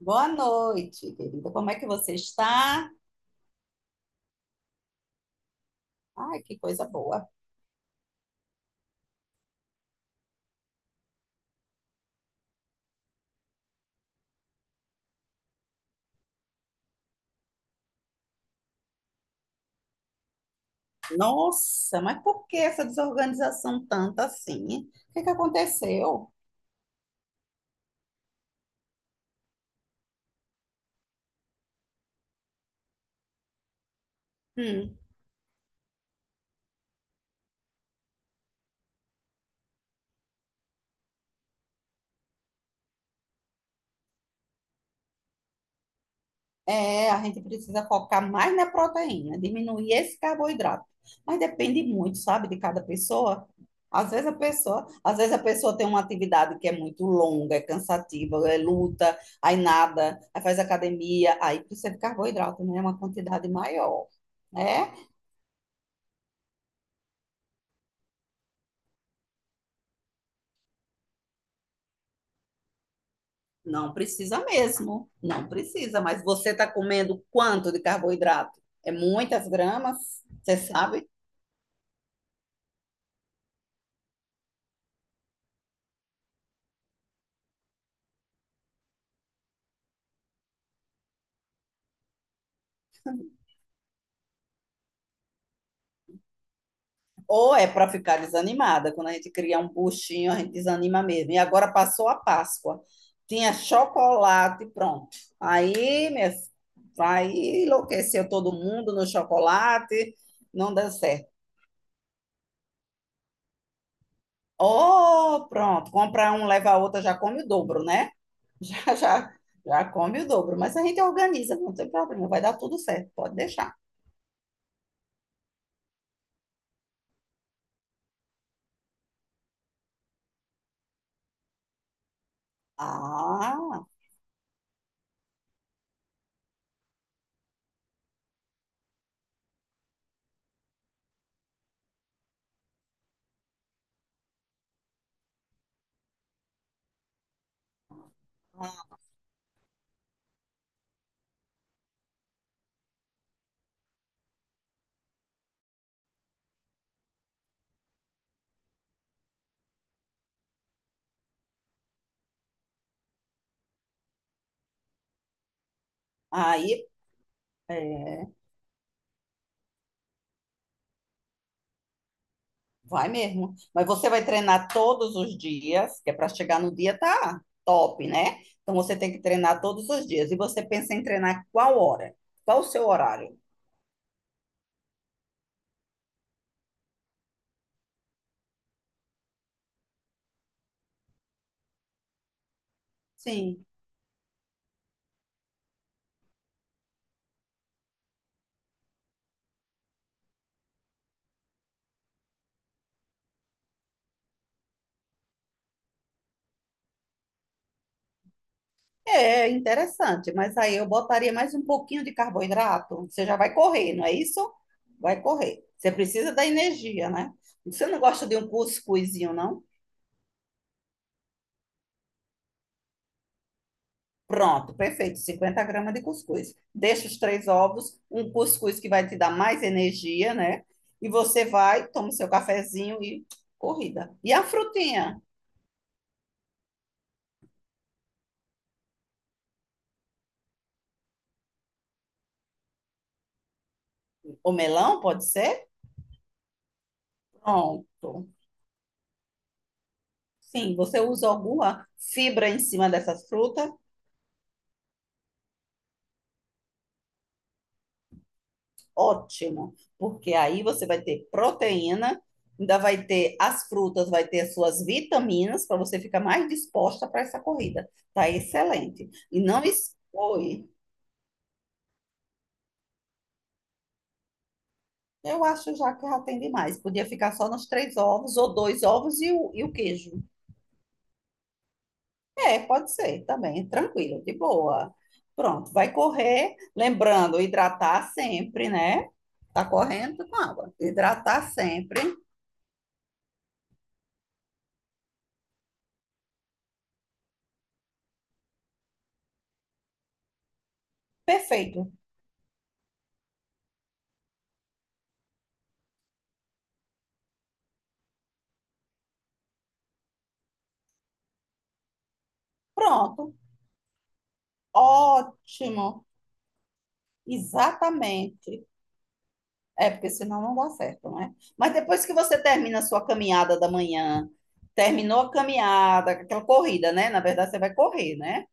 Boa noite, querida. Como é que você está? Ai, que coisa boa. Nossa, mas por que essa desorganização tanta assim, hein? O que que aconteceu? Hum, É, a gente precisa focar mais na proteína, diminuir esse carboidrato. Mas depende muito, sabe, de cada pessoa. Às vezes a pessoa tem uma atividade que é muito longa, é cansativa, é luta, aí nada, aí faz academia, aí precisa de carboidrato, né? É, uma quantidade maior, né? Não precisa mesmo, não precisa, mas você está comendo quanto de carboidrato? É muitas gramas, você sabe? Ou é para ficar desanimada. Quando a gente cria um buchinho, a gente desanima mesmo. E agora passou a Páscoa, tinha chocolate, pronto. Aí, minha, Aí enlouqueceu todo mundo no chocolate, não deu certo. Oh, pronto, compra um, leva a outra, já come o dobro, né? Já, já, já come o dobro, mas a gente organiza, não tem problema, vai dar tudo certo, pode deixar. Ah, aí é, vai mesmo. Mas você vai treinar todos os dias, que é para chegar no dia tá top, né? Então você tem que treinar todos os dias. E você pensa em treinar qual hora? Qual o seu horário? Sim. É interessante, mas aí eu botaria mais um pouquinho de carboidrato. Você já vai correr, não é isso? Vai correr. Você precisa da energia, né? Você não gosta de um cuscuzinho, não? Pronto, perfeito. 50 gramas de cuscuz. Deixa os três ovos, um cuscuz que vai te dar mais energia, né? E você vai, toma o seu cafezinho e corrida. E a frutinha? O melão, pode ser? Pronto. Sim, você usa alguma fibra em cima dessas frutas? Ótimo, porque aí você vai ter proteína, ainda vai ter as frutas, vai ter as suas vitaminas para você ficar mais disposta para essa corrida. Tá excelente. E não expõe. Eu acho já que já tem demais. Podia ficar só nos três ovos, ou dois ovos e o queijo. É, pode ser também, tranquilo, de boa. Pronto, vai correr, lembrando, hidratar sempre, né? Tá correndo com água. Hidratar sempre. Perfeito. Pronto. Ótimo, exatamente. É, porque senão não dá certo, né? Mas depois que você termina a sua caminhada da manhã, terminou a caminhada, aquela corrida, né? Na verdade, você vai correr, né?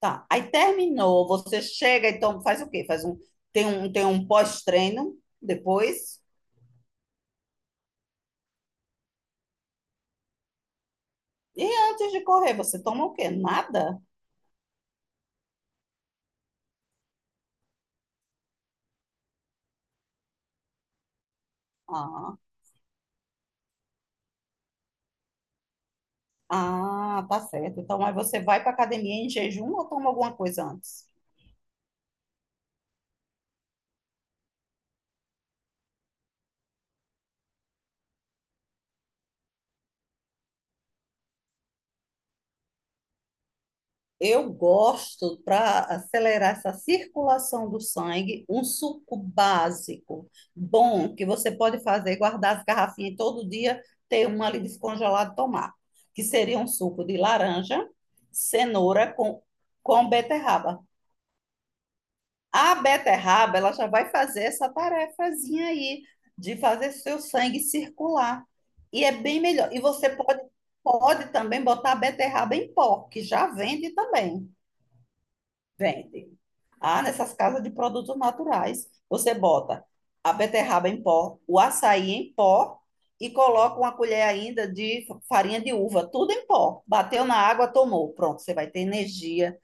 Tá. Aí terminou, você chega, então faz o quê? Tem um pós-treino depois. E antes de correr, você toma o quê? Nada? Ah, ah, tá certo. Então, aí você vai para academia em jejum ou toma alguma coisa antes? Eu gosto, para acelerar essa circulação do sangue, um suco básico, bom, que você pode fazer, guardar as garrafinhas todo dia, ter uma ali descongelada e tomar. Que seria um suco de laranja, cenoura com beterraba. A beterraba, ela já vai fazer essa tarefazinha aí, de fazer seu sangue circular. E é bem melhor. E você pode também botar a beterraba em pó, que já vende também. Vende. Ah, nessas casas de produtos naturais, você bota a beterraba em pó, o açaí em pó e coloca uma colher ainda de farinha de uva, tudo em pó. Bateu na água, tomou. Pronto, você vai ter energia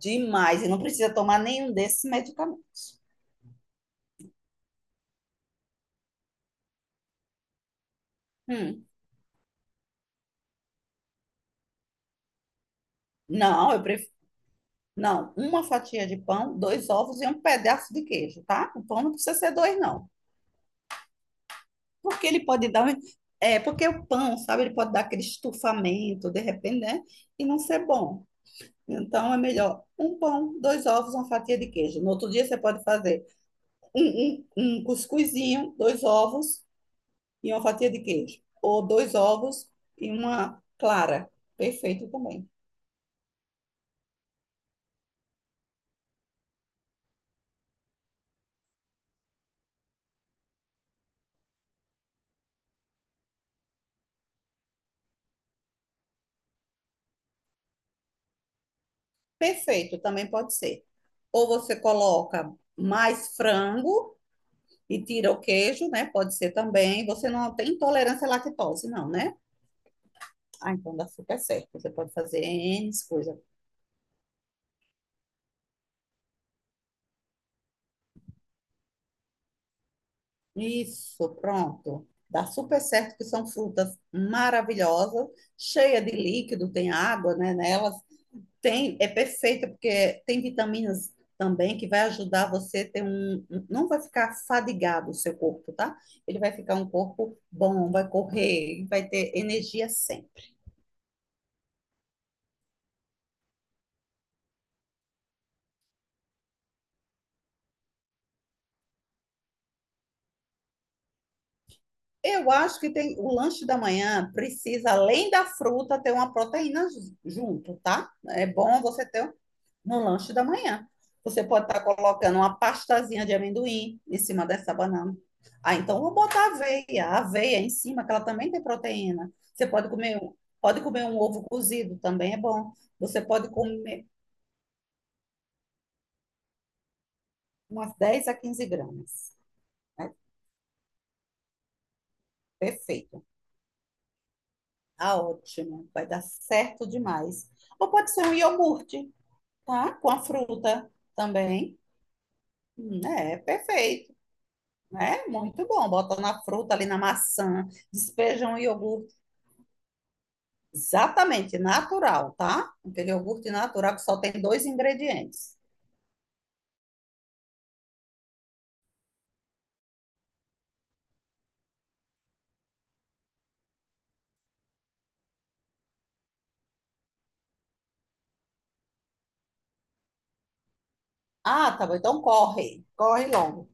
demais e não precisa tomar nenhum desses medicamentos. Hum, não, eu prefiro. Não, uma fatia de pão, dois ovos e um pedaço de queijo, tá? O pão não precisa ser dois, não. Porque ele pode dar. É, porque o pão, sabe, ele pode dar aquele estufamento, de repente, né? E não ser bom. Então é melhor um pão, dois ovos, uma fatia de queijo. No outro dia você pode fazer um, um cuscuzinho, dois ovos e uma fatia de queijo. Ou dois ovos e uma clara. Perfeito também. Perfeito também pode ser. Ou você coloca mais frango e tira o queijo, né? Pode ser também. Você não tem intolerância à lactose, não, né? Ah, então dá super certo. Você pode fazer N coisas. Isso, pronto. Dá super certo que são frutas maravilhosas, cheia de líquido, tem água, né, nelas. Tem, é perfeita porque tem vitaminas também que vai ajudar você a ter não vai ficar fadigado o seu corpo, tá? Ele vai ficar um corpo bom, vai correr, vai ter energia sempre. Eu acho que tem o lanche da manhã precisa, além da fruta, ter uma proteína junto, tá? É bom você ter no lanche da manhã. Você pode estar colocando uma pastazinha de amendoim em cima dessa banana. Ah, então eu vou botar aveia, a aveia em cima, que ela também tem proteína. Você pode comer, pode comer um ovo cozido, também é bom. Você pode comer umas 10 a 15 gramas. Né? Perfeito. Ah, ótimo. Vai dar certo demais. Ou pode ser um iogurte, tá? Com a fruta também. É, perfeito. É muito bom. Bota na fruta, ali na maçã, despeja um iogurte. Exatamente, natural, tá? Aquele iogurte natural que só tem dois ingredientes. Ah, tá bom, então corre, corre logo.